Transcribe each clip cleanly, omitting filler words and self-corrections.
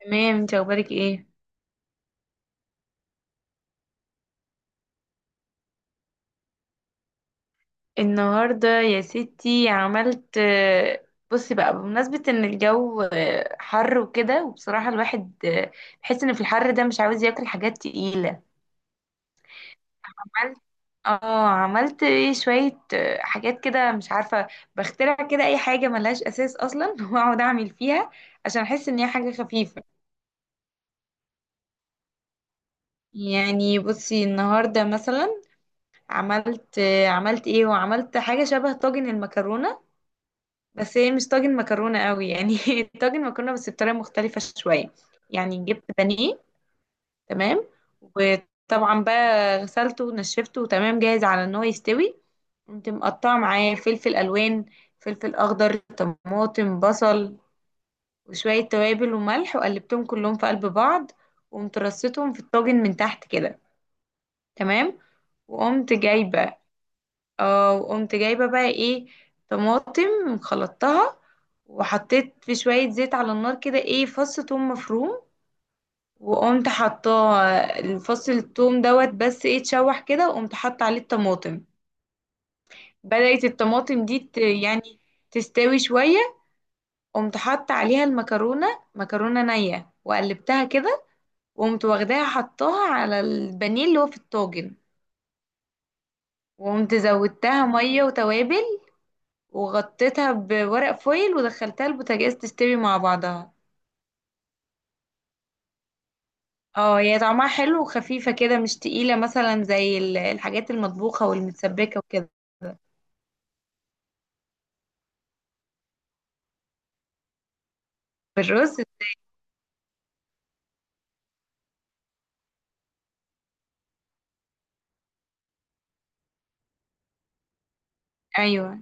تمام، انت اخبارك ايه؟ النهارده يا ستي عملت بصي بقى، بمناسبة ان الجو حر وكده، وبصراحة الواحد بحس ان في الحر ده مش عاوز ياكل حاجات تقيلة. عملت. اه عملت ايه شوية حاجات كده مش عارفة، بخترع كده اي حاجة ملهاش اساس اصلا واقعد اعمل فيها عشان احس ان هي حاجة خفيفة. يعني بصي النهارده مثلا عملت عملت ايه، وعملت حاجة شبه طاجن المكرونة. بس هي مش طاجن مكرونة قوي يعني طاجن مكرونة بس بطريقة مختلفة شوية. يعني جبت بانيه. تمام. وطبعا بقى غسلته ونشفته تمام جاهز على ان هو يستوي. قمت مقطعة معاه فلفل ألوان، فلفل أخضر، طماطم، بصل، وشوية توابل وملح، وقلبتهم كلهم في قلب بعض. وقمت رصيتهم في الطاجن من تحت كده. تمام. وقمت جايبة. اه وقمت جايبة بقى ايه، طماطم خلطتها. وحطيت في شوية زيت على النار كده ايه، فص توم مفروم. وقمت حطاه فص التوم دوت، بس ايه اتشوح كده، وقمت حاطة عليه الطماطم. بدأت الطماطم دي يعني تستوي شوية. قمت حاطة عليها المكرونة، مكرونة نية وقلبتها كده. وقمت واخداها حطاها على البانيه اللي هو في الطاجن. وقمت زودتها مية وتوابل، وغطيتها بورق فويل ودخلتها البوتاجاز تستوي مع بعضها. اه هي طعمها حلو وخفيفة كده مش تقيلة، مثلا زي الحاجات المطبوخة والمتسبكة وكده. بالرز. ايوه.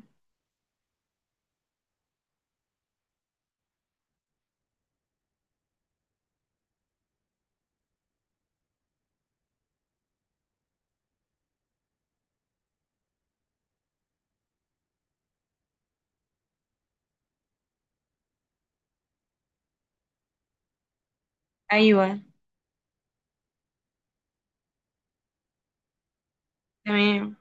ايوه. تمام.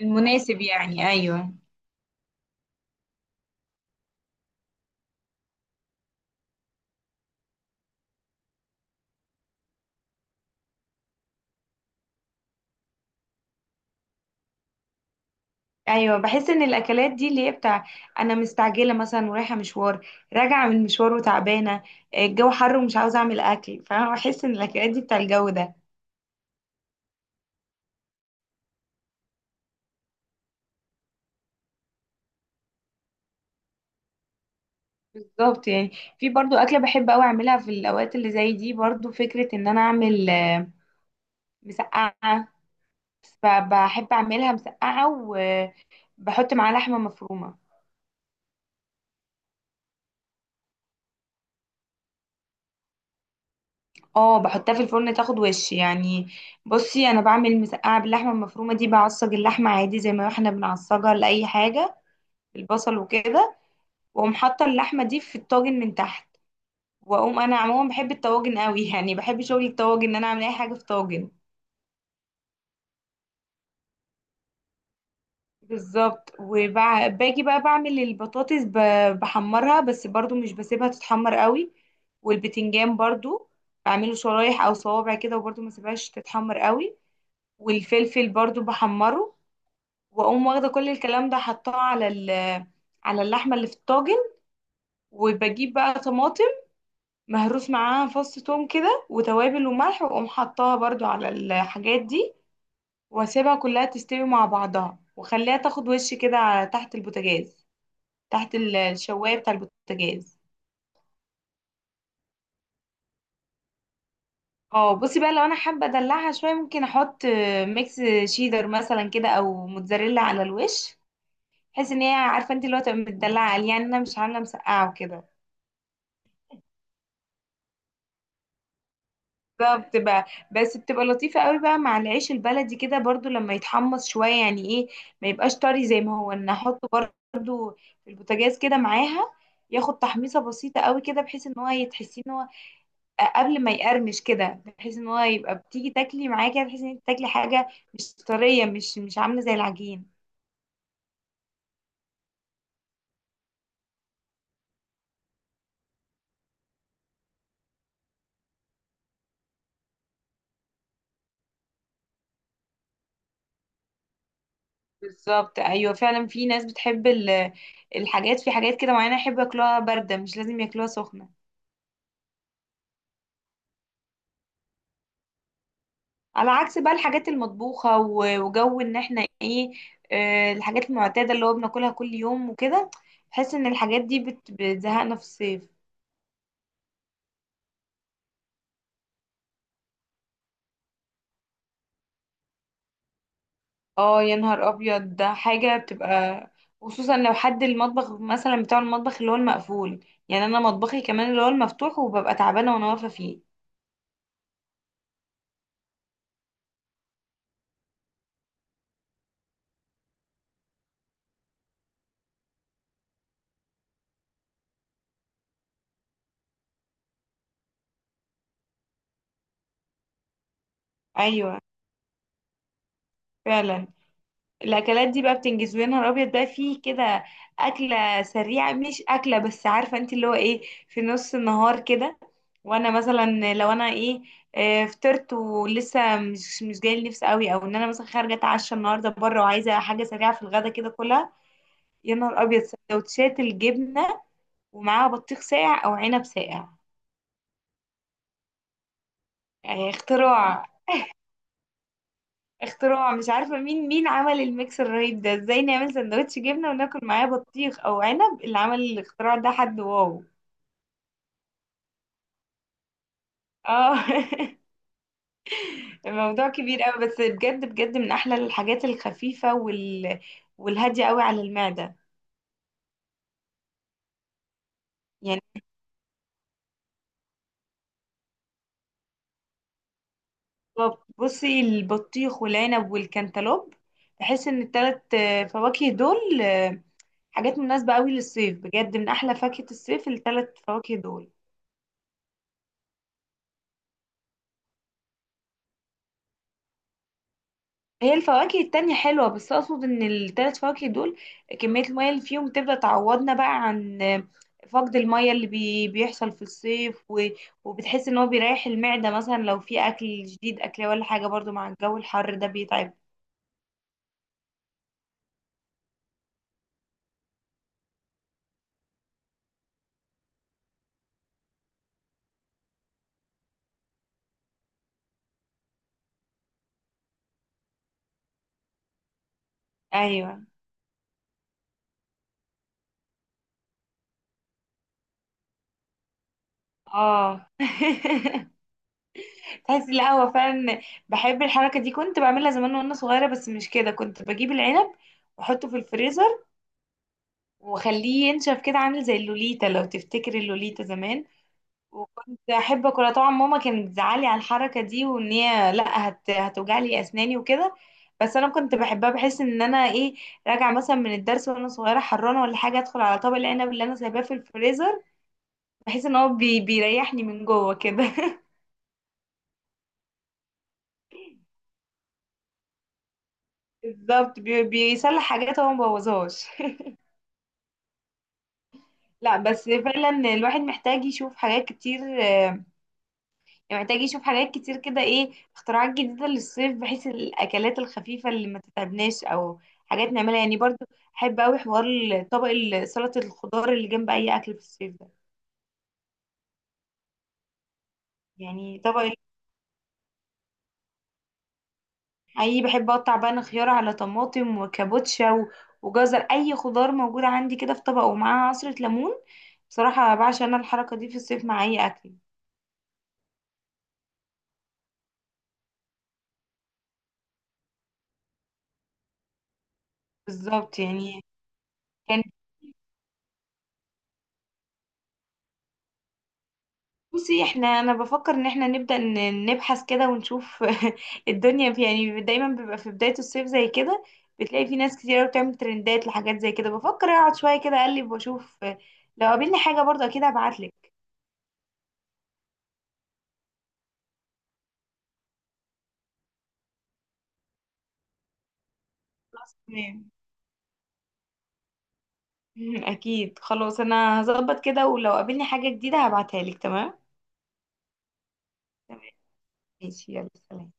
المناسب يعني، ايوه. ايوه. بحس ان الاكلات دي اللي هي بتاع انا مستعجله مثلا ورايحه مشوار، راجعه من مشوار وتعبانه، الجو حر ومش عاوزه اعمل اكل. فانا بحس ان الاكلات دي بتاع الجو ده. بالظبط يعني. في برضو أكلة بحب أوي أعملها في الأوقات اللي زي دي، برضو فكرة إن أنا أعمل مسقعة. بحب أعملها مسقعة، وبحط معاها لحمة مفرومة. اه بحطها في الفرن تاخد وش يعني. بصي أنا بعمل مسقعة باللحمة المفرومة دي، بعصج اللحمة عادي زي ما احنا بنعصجها لأي حاجة، البصل وكده. وأقوم حاطة اللحمة دي في الطاجن من تحت. وأقوم، أنا عموما بحب الطواجن أوي، يعني بحب شغل الطواجن، إن أنا أعمل أي حاجة في طاجن. بالظبط. وباجي بقى بعمل البطاطس، بحمرها بس برضو مش بسيبها تتحمر قوي. والبتنجان برضو بعمله شرايح او صوابع كده، وبرضو ما سيبهاش تتحمر قوي. والفلفل برضو بحمره. واقوم واخده كل الكلام ده حطاه على على اللحمه اللي في الطاجن. وبجيب بقى طماطم مهروس معاها فص توم كده وتوابل وملح، واقوم حطاها برضو على الحاجات دي. واسيبها كلها تستوي مع بعضها، واخليها تاخد وش كده تحت البوتاجاز، تحت الشوايه بتاع البوتاجاز. اه بصي بقى، لو انا حابه ادلعها شويه ممكن احط ميكس شيدر مثلا كده او موتزاريلا على الوش، بحيث ان هي عارفه انت اللي هو تبقى متدلعه عليه يعني، انا مش عامله مسقعه وكده. ده بتبقى. بس بتبقى لطيفه قوي بقى مع العيش البلدي كده، برضو لما يتحمص شويه يعني ايه، ما يبقاش طري زي ما هو، ان احطه برضو في البوتاجاز كده معاها، ياخد تحميصه بسيطه قوي كده بحيث ان هو يتحسي ان هو قبل ما يقرمش كده، بحيث ان هو يبقى بتيجي تاكلي معاه كده تحسي ان انت تاكلي حاجه مش طريه، مش عامله زي العجين. بالظبط. ايوه فعلا. في ناس بتحب الحاجات، في حاجات كده معينه يحب ياكلوها بارده مش لازم ياكلوها سخنه. على عكس بقى الحاجات المطبوخه وجو ان احنا ايه، الحاجات المعتاده اللي هو بناكلها كل يوم وكده، بحس ان الحاجات دي بتزهقنا في الصيف. اه يا نهار ابيض، ده حاجه بتبقى خصوصا لو حد المطبخ مثلا بتاع المطبخ اللي هو المقفول. يعني انا مطبخي كمان اللي هو المفتوح وببقى تعبانه وانا واقفه فيه. ايوه. فعلا الاكلات دي بقى بتنجز يا نهار ابيض بقى، فيه كده اكله سريعه مش اكله، بس عارفه انت اللي هو ايه، في نص النهار كده. وانا مثلا لو انا ايه فطرت ولسه مش جاي نفسي قوي، او ان انا مثلا خارجه اتعشى النهارده بره وعايزه حاجه سريعه في الغدا كده كلها يا نهار ابيض سندوتشات الجبنه، ومعاها بطيخ ساقع او عنب ساقع. يعني اختراع. اختراع مش عارفه مين مين عمل الميكس الرهيب ده، ازاي نعمل سندوتش جبنه وناكل معاه بطيخ او عنب، اللي عمل الاختراع ده حد واو. اه الموضوع كبير قوي، بس بجد بجد من احلى الحاجات الخفيفه والهاديه قوي على المعده يعني. طب بصي، البطيخ والعنب والكنتالوب، بحس ان التلات فواكه دول حاجات مناسبة قوي للصيف، بجد من احلى فاكهة الصيف التلات فواكه دول. هي الفواكه التانية حلوة، بس اقصد ان التلات فواكه دول كمية المية اللي فيهم تبدأ تعوضنا بقى عن فقد المية اللي بيحصل في الصيف وبتحس ان هو بيريح المعدة مثلا، لو في اكل جديد اكله ولا حاجة برضو مع الجو الحر ده بيتعب. ايوه. اه تحسي لا هو فعلا بحب الحركة دي، كنت بعملها زمان وانا صغيرة. بس مش كده، كنت بجيب العنب واحطه في الفريزر واخليه ينشف كده عامل زي اللوليتا، لو تفتكري اللوليتا زمان. وكنت احب اكلها طبعا. ماما كانت بتزعلي على الحركة دي، وان هي لا هتوجع لي اسناني وكده. بس انا كنت بحبها، بحس ان انا ايه، راجعه مثلا من الدرس وانا صغيره حرانه ولا حاجه، ادخل على طبق العنب اللي انا سايباه في الفريزر، بحس ان هو بيريحني من جوه كده بالظبط. بيصلح حاجات هو مبوظهاش. لا بس فعلا، الواحد محتاج يشوف حاجات كتير محتاج يشوف حاجات كتير كده ايه، اختراعات جديدة للصيف بحيث الأكلات الخفيفة اللي ما تتعبناش، أو حاجات نعملها يعني برضو. أحب أوي حوار طبق سلطة الخضار اللي جنب أي أكل في الصيف ده. يعني طبق. أي، بحب أقطع بقى خيار على طماطم وكابوتشا وجزر، أي خضار موجودة عندي كده في طبق، ومعاها عصرة ليمون. بصراحة بعشق أنا الحركة دي في الصيف مع أي أكل. بالظبط يعني. كان بصي احنا، انا بفكر ان احنا نبدأ نبحث كده ونشوف الدنيا، في يعني دايما بيبقى في بداية الصيف زي كده بتلاقي في ناس كتير بتعمل ترندات لحاجات زي كده. بفكر اقعد شوية كده اقلب واشوف، لو قابلني حاجة برضه اكيد هبعتلك. خلاص تمام اكيد. خلاص انا هظبط كده، ولو قابلني حاجة جديدة هبعتها لك. تمام. تمام ماشي، يلا سلام.